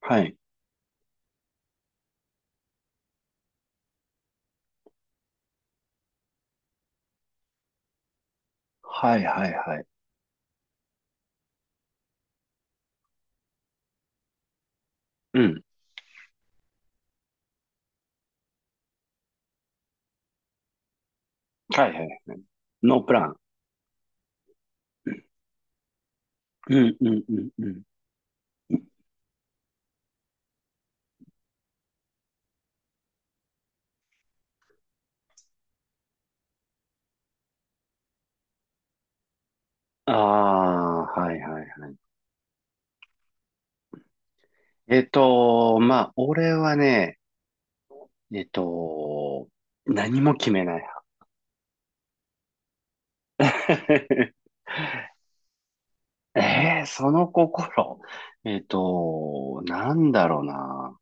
はい。はいはいはい。うん。はいはい。ノープラン。うんうんうんうん。ああ、はいはいはい。まあ、俺はね、えっと、何も決めない派。その心。なんだろうな。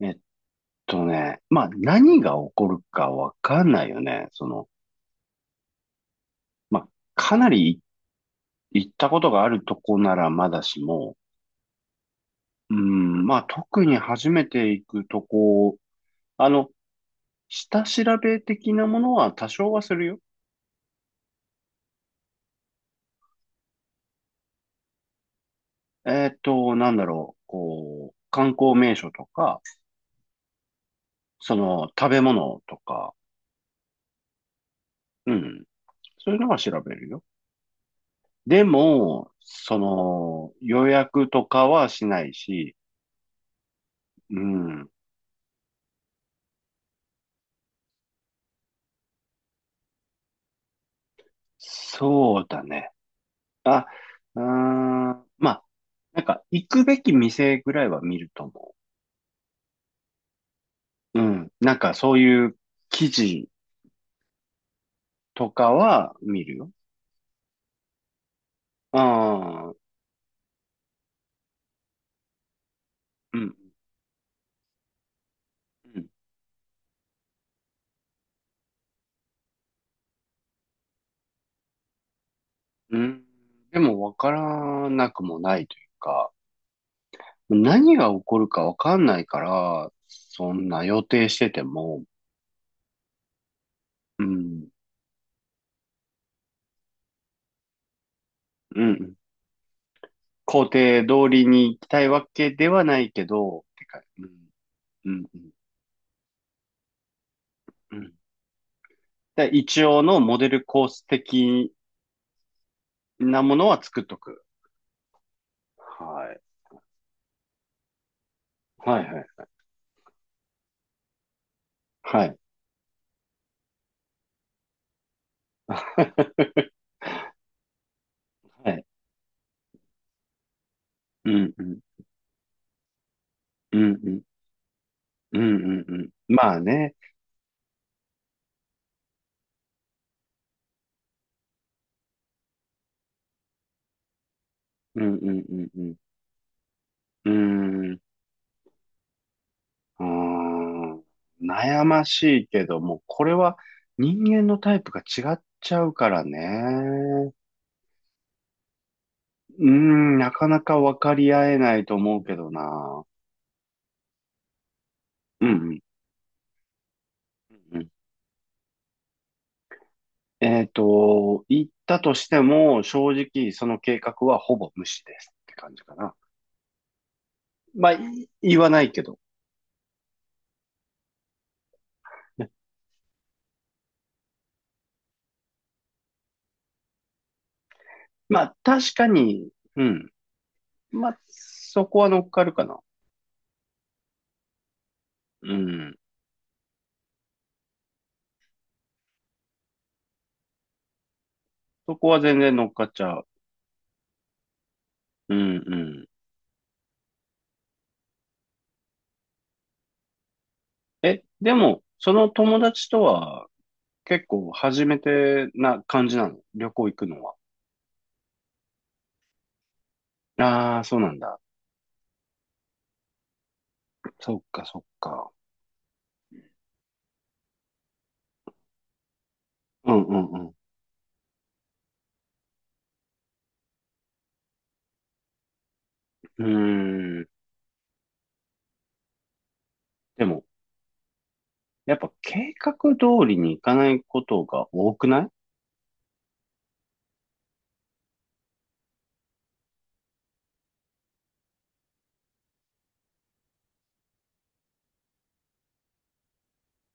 えっまあ、何が起こるかわかんないよね。まあ、かなり行ったことがあるとこならまだしも、うん、まあ、特に初めて行くとこあの、下調べ的なものは多少はするよ。なんだろう、こう、観光名所とか、食べ物とか、うん、そういうのは調べるよ。でも、予約とかはしないし、うん、そうだね。あ、うーん、まあ、なんか、行くべき店ぐらいは見ると思う。うん、なんか、そういう記事とかは見るよ。ああ、うん。うんうん。でもわからなくもないというか、何が起こるかわかんないから、そんな予定してても、うん、うん、工程通りに行きたいわけではないけど、ってか、うん、うん、うん。うん。で、一応のモデルコース的なものは作っとく。はい。はい、はい、はい。はい。うん、うん、うん、うん、うん、うん。うん。まあね。うん、うん、うん、うん。うーん。うーん、悩ましいけども、これは人間のタイプが違っちゃうからね。うーん、なかなか分かり合えないと思うけどな。うんうん。うんうん。言ったとしても、正直その計画はほぼ無視ですって感じかな。まあ、言わないけど。ね。まあ、確かに、うん。まあ、そこは乗っかるかな。うん。そこは全然乗っかっちゃう。うんうん。え、でも、その友達とは結構初めてな感じなの、旅行行くのは。ああ、そうなんだ。そっか、そっか。うんうんうん。うーん。でも、やっぱ計画通りに行かないことが多くない？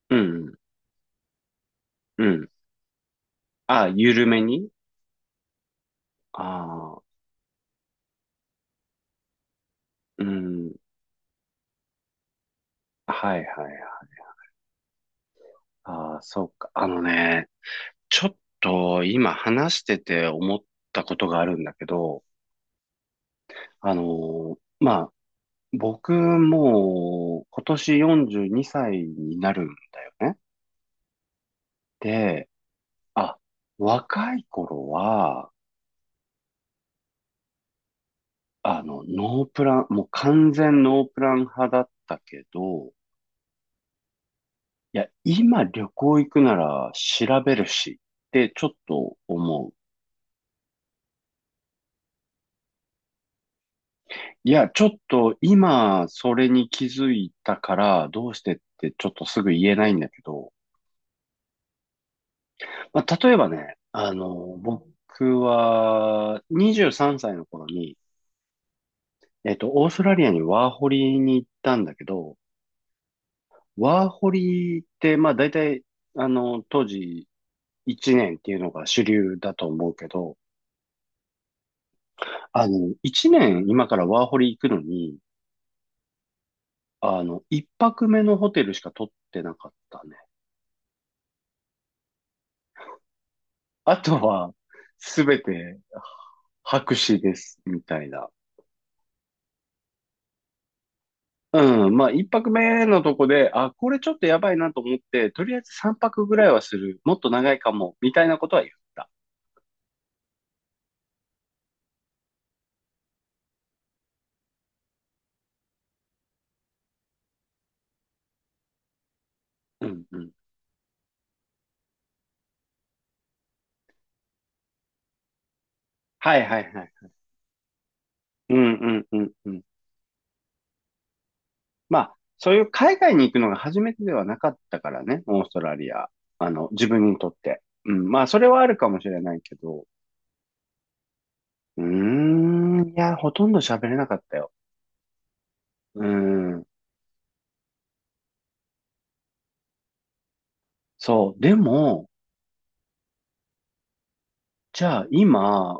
うんうん。うん。あ、緩めに。ああー、うん。はいはいはい。ああ、そっか。あのね、ちょっと今話してて思ったことがあるんだけど、あのーま僕もう今年42歳にさいになるんだよね。で、あ、若い頃は、ノープラン、もう完全ノープラン派だったけど、いや、今旅行行くなら調べるしってちょっと思う。いや、ちょっと今それに気づいたからどうしてってちょっとすぐ言えないんだけど、まあ、例えばね、僕は23歳の頃に、オーストラリアにワーホリに行ったんだけど、ワーホリって、まあ大体、当時1年っていうのが主流だと思うけど、1年今からワーホリ行くのに、1泊目のホテルしか取ってなかったね。あとは、すべて白紙です、みたいな。うん、まあ1泊目のとこで、あ、これちょっとやばいなと思って、とりあえず3泊ぐらいはする、もっと長いかも、みたいなことは言った。うんうん。はいはいはい。うんうんうんうん。まあ、そういう海外に行くのが初めてではなかったからね、オーストラリア。自分にとって。うん、まあ、それはあるかもしれないけど。うーん、いや、ほとんど喋れなかったよ。うーん、そう。でも、じゃあ今、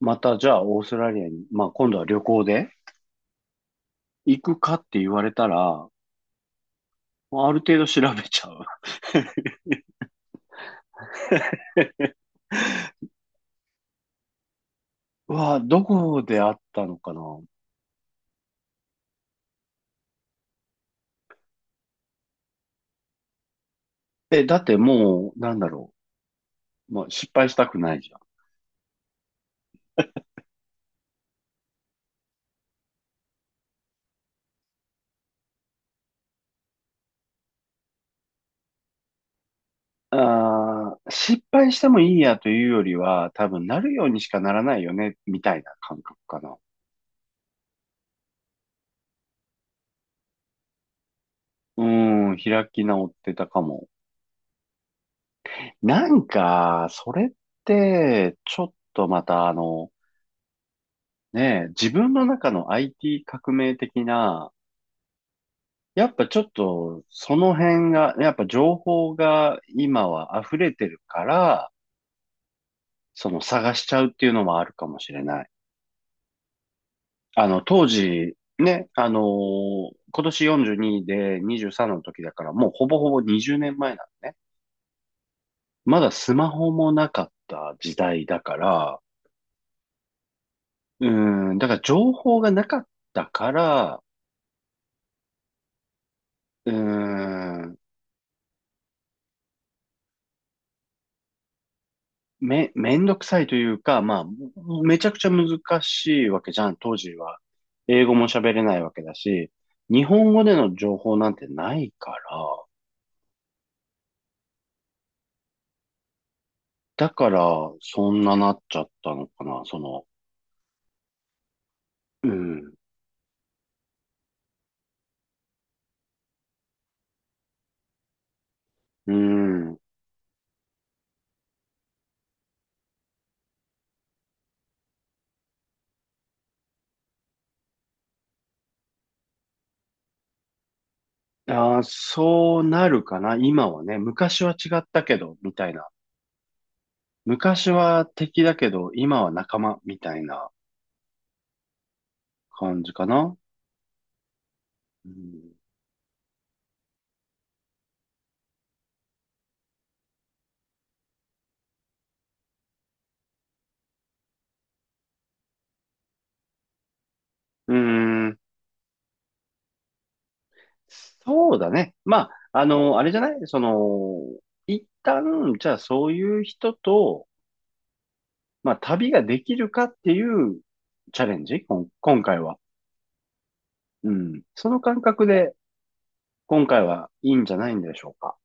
またじゃあオーストラリアに、まあ今度は旅行で行くかって言われたら、まある程度調べちゃう。うわ、どこであったのかな。え、だってもう、なんだろう。まあ、失敗したくないじゃん。あー、失敗してもいいやというよりは、多分なるようにしかならないよね、みたいな感覚かな。うん、開き直ってたかも。なんか、それって、ちょっとまたねえ、自分の中の IT 革命的な、やっぱちょっとその辺が、やっぱ情報が今は溢れてるから、探しちゃうっていうのもあるかもしれない。当時、ね、今年42で23の時だから、もうほぼほぼ20年前なのね。まだスマホもなかった時代だから、うーん、だから情報がなかったから、うーん、めんどくさいというか、まあ、めちゃくちゃ難しいわけじゃん、当時は。英語も喋れないわけだし、日本語での情報なんてないから、だから、そんななっちゃったのかな、うん、うん。あーそうなるかな。今はね、昔は違ったけど、みたいな。昔は敵だけど、今は仲間、みたいな感じかな。うん。うーん。そうだね。まあ、あれじゃない、一旦、じゃあそういう人と、まあ、旅ができるかっていうチャレンジ、今回は。うん。その感覚で、今回はいいんじゃないんでしょうか。